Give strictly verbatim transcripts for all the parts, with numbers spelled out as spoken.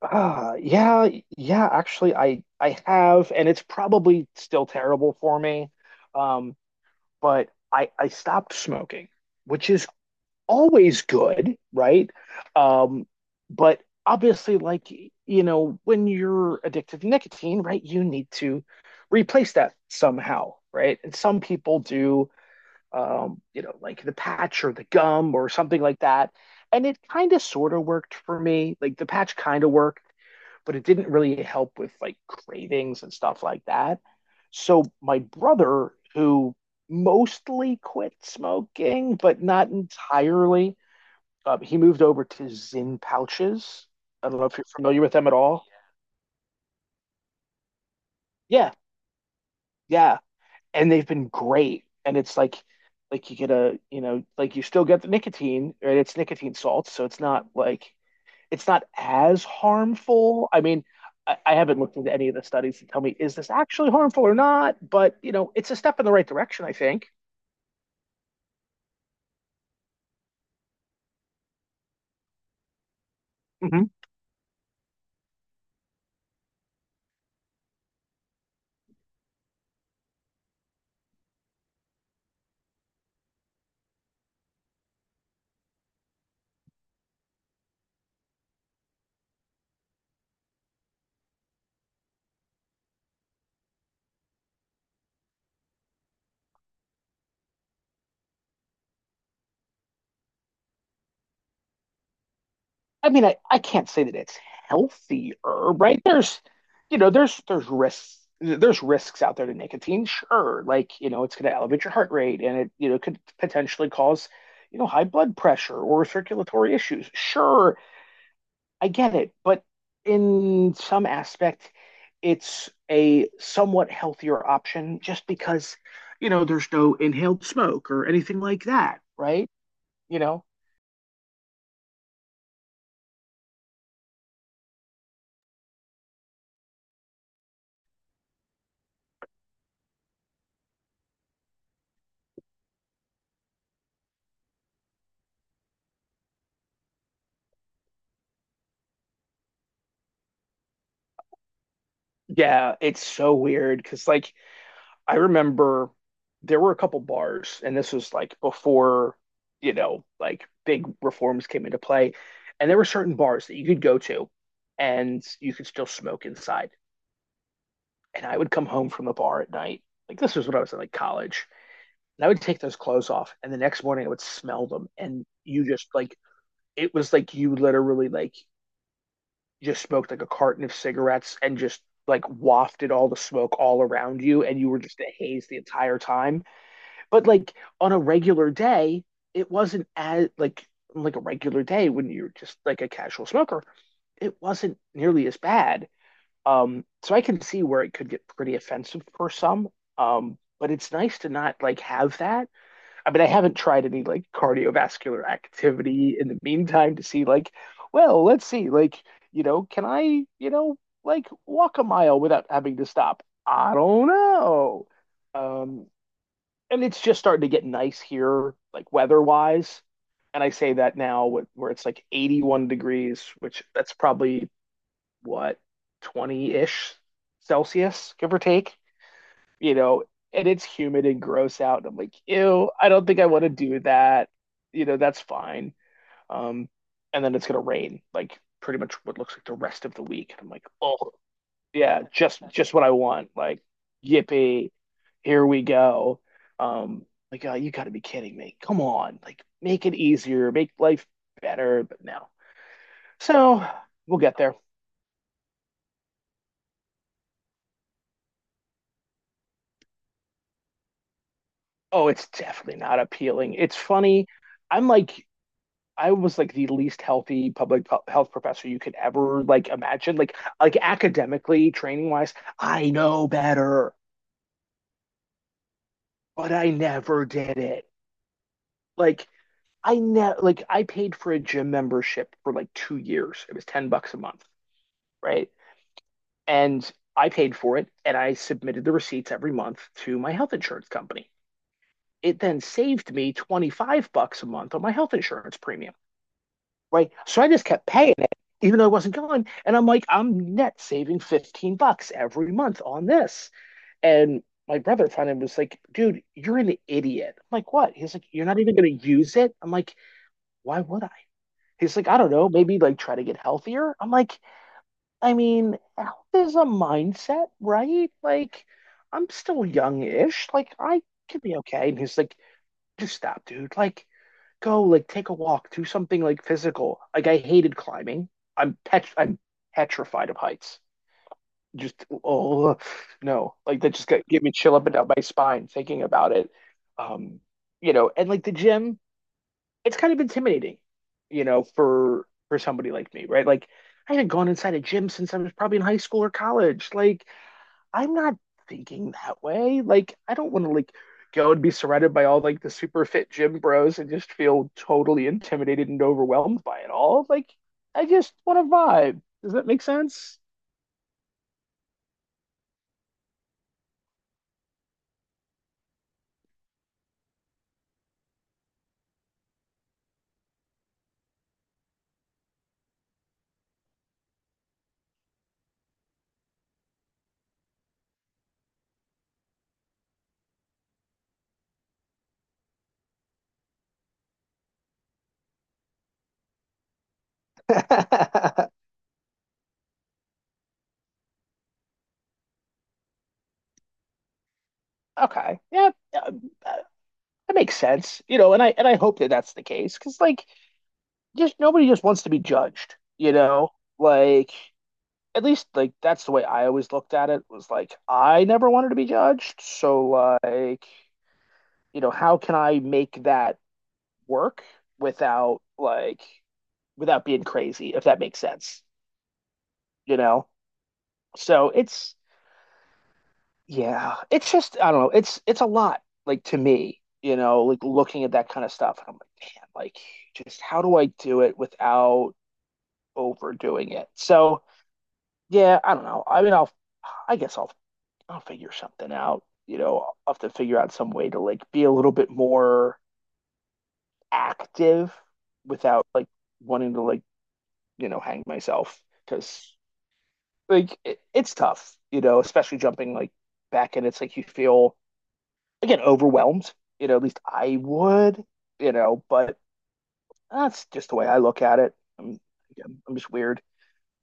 Uh, yeah, yeah, actually I I have, and it's probably still terrible for me. Um, but I I stopped smoking, which is always good, right? Um, but obviously, like, you know, when you're addicted to nicotine, right, you need to replace that somehow, right? And some people do, um, you know, like the patch or the gum or something like that. And it kind of sort of worked for me. Like, the patch kind of worked, but it didn't really help with like cravings and stuff like that. So my brother, who mostly quit smoking but not entirely, uh, he moved over to Zin pouches. I don't know if you're familiar with them at all. Yeah, yeah, and they've been great. And it's like, like you get a, you know, like you still get the nicotine, right? It's nicotine salts, so it's not like it's not as harmful. I mean, I, I haven't looked into any of the studies to tell me, is this actually harmful or not, but you know, it's a step in the right direction, I think. hmm I mean, I, I can't say that it's healthier, right? There's, you know, there's there's risks, there's risks out there to nicotine, sure. Like, you know, it's going to elevate your heart rate, and it, you know, could potentially cause, you know, high blood pressure or circulatory issues. Sure, I get it, but in some aspect, it's a somewhat healthier option, just because, you know, there's no inhaled smoke or anything like that, right? You know? Yeah, it's so weird because, like, I remember there were a couple bars, and this was like before, you know, like big reforms came into play, and there were certain bars that you could go to and you could still smoke inside. And I would come home from the bar at night. Like, this was when I was in like college, and I would take those clothes off, and the next morning I would smell them, and you just like, it was like you literally like just smoked like a carton of cigarettes and just like wafted all the smoke all around you, and you were just a haze the entire time. But like on a regular day, it wasn't as like like a regular day when you're just like a casual smoker, it wasn't nearly as bad. Um, so I can see where it could get pretty offensive for some. Um, but it's nice to not like have that. I mean, I haven't tried any like cardiovascular activity in the meantime to see like, well, let's see, like, you know, can I, you know, like walk a mile without having to stop? I don't know. Um, and it's just starting to get nice here, like weather-wise. And I say that now wh- where it's like eighty-one degrees, which that's probably what, twenty-ish Celsius, give or take, you know, and it's humid and gross out. And I'm like, ew, I don't think I want to do that. You know, that's fine. Um, and then it's gonna rain, like pretty much what looks like the rest of the week. And I'm like, oh yeah, just just what I want. Like, yippee, here we go. Um, like, oh, you gotta be kidding me. Come on, like make it easier, make life better, but no. So we'll get there. Oh, it's definitely not appealing. It's funny. I'm like, I was like the least healthy public health professor you could ever like imagine. Like like academically, training wise, I know better, but I never did it. Like I ne like I paid for a gym membership for like two years. It was ten bucks a month, right? And I paid for it, and I submitted the receipts every month to my health insurance company. It then saved me twenty-five bucks a month on my health insurance premium. Right? So I just kept paying it, even though it wasn't going. And I'm like, I'm net saving fifteen bucks every month on this. And my brother finally was like, dude, you're an idiot. I'm like, what? He's like, you're not even going to use it. I'm like, why would I? He's like, I don't know, maybe like try to get healthier. I'm like, I mean, health is a mindset, right? Like, I'm still young-ish. Like, I could be okay. And he's like, just stop, dude. Like, go like take a walk, do something like physical. Like, I hated climbing. I'm pet I'm petrified of heights. Just oh no, like that just got, gave me chill up and down my spine thinking about it. Um, you know, and like the gym, it's kind of intimidating, you know, for for somebody like me, right? Like, I haven't gone inside a gym since I was probably in high school or college. Like, I'm not thinking that way. Like, I don't want to like go and be surrounded by all like the super fit gym bros and just feel totally intimidated and overwhelmed by it all. Like, I just want to vibe. Does that make sense? Okay. Yeah, um, uh, that makes sense. You know, and I and I hope that that's the case, because like just nobody just wants to be judged. You know, like, at least like that's the way I always looked at it, was like I never wanted to be judged. So like, you know, how can I make that work without like, without being crazy, if that makes sense, you know? So it's, yeah, it's just I don't know, it's it's a lot, like to me, you know, like looking at that kind of stuff and I'm like, man, like just how do I do it without overdoing it? So yeah, I don't know. I mean, I'll I guess I'll I'll figure something out. You know, I'll have to figure out some way to like be a little bit more active without like wanting to like, you know, hang myself because like it, it's tough, you know, especially jumping like back in. It's like you feel again overwhelmed, you know, at least I would, you know, but that's just the way I look at it. I'm, again, I'm just weird,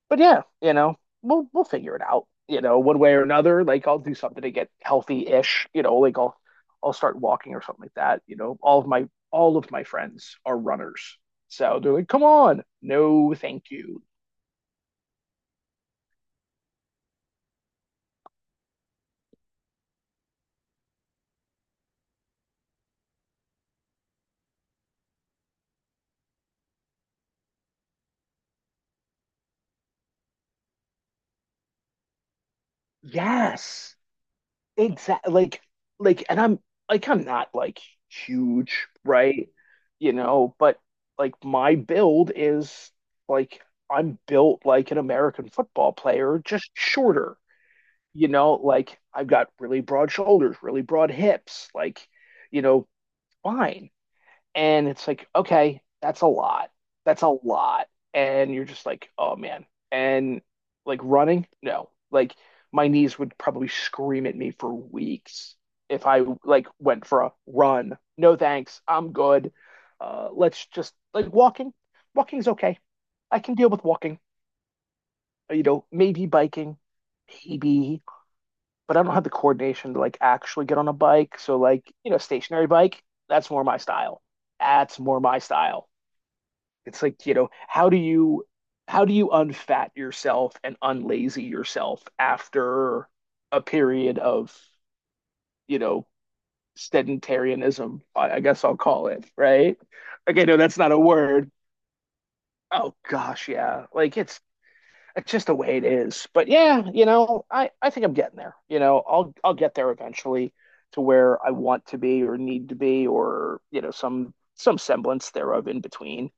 but yeah, you know, we'll, we'll figure it out, you know, one way or another. Like I'll do something to get healthy ish, you know, like I'll, I'll start walking or something like that. You know, all of my, all of my friends are runners. So they're like, come on. No, thank you. Yes. Exactly, like, like and I'm like, I'm not like huge, right? You know, but like my build is like, I'm built like an American football player, just shorter. You know, like I've got really broad shoulders, really broad hips, like, you know, fine, and it's like okay, that's a lot that's a lot and you're just like oh man. And like running, no, like my knees would probably scream at me for weeks if I like went for a run. No thanks, I'm good. Uh let's just like walking, walking's okay. I can deal with walking, you know, maybe biking, maybe, but I don't have the coordination to like actually get on a bike, so like, you know, stationary bike, that's more my style that's more my style It's like, you know, how do you, how do you unfat yourself and unlazy yourself after a period of, you know, sedentarianism, I guess I'll call it, right? Okay, no, that's not a word. Oh gosh, yeah. Like it's it's just the way it is. But yeah, you know, I I think I'm getting there. You know, I'll I'll get there eventually, to where I want to be or need to be or, you know, some some semblance thereof in between.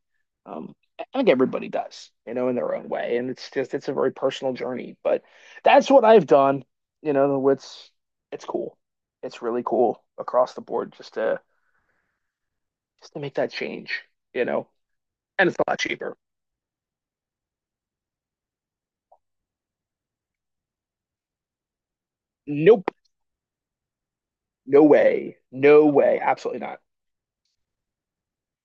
Um, I think everybody does, you know, in their own way. And it's just, it's a very personal journey, but that's what I've done. You know, it's, it's cool. It's really cool across the board, just to, just to make that change, you know, and it's a lot cheaper. Nope. No way. No way. Absolutely not.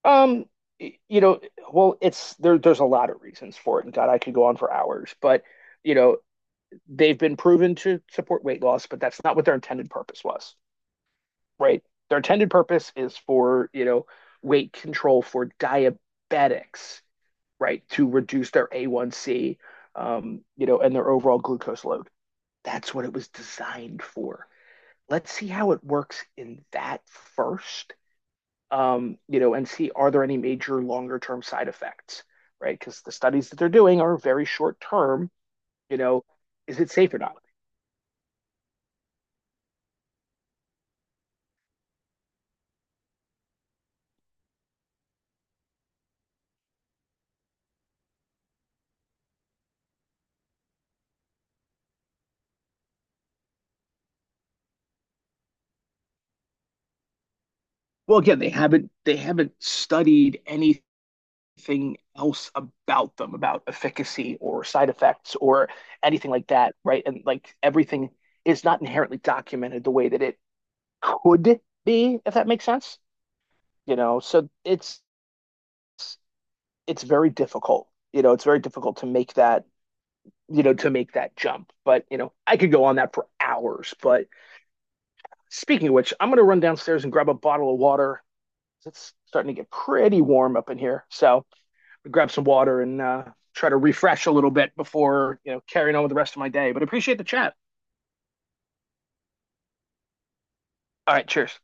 Um, you know, well, it's there, there's a lot of reasons for it. And God, I could go on for hours, but you know, they've been proven to support weight loss, but that's not what their intended purpose was. Right? Their intended purpose is for, you know, weight control for diabetics, right? To reduce their A one C, um, you know, and their overall glucose load. That's what it was designed for. Let's see how it works in that first, um, you know, and see are there any major longer term side effects, right? Because the studies that they're doing are very short term, you know, is it safe or not? Well, again, they haven't they haven't studied anything else about them, about efficacy or side effects or anything like that, right? And like everything is not inherently documented the way that it could be, if that makes sense. You know, so it's it's very difficult. You know, it's very difficult to make that, you know, to make that jump. But, you know, I could go on that for hours. But speaking of which, I'm going to run downstairs and grab a bottle of water. It's starting to get pretty warm up in here. So I grab some water and uh, try to refresh a little bit before, you know, carrying on with the rest of my day. But appreciate the chat. All right. Cheers.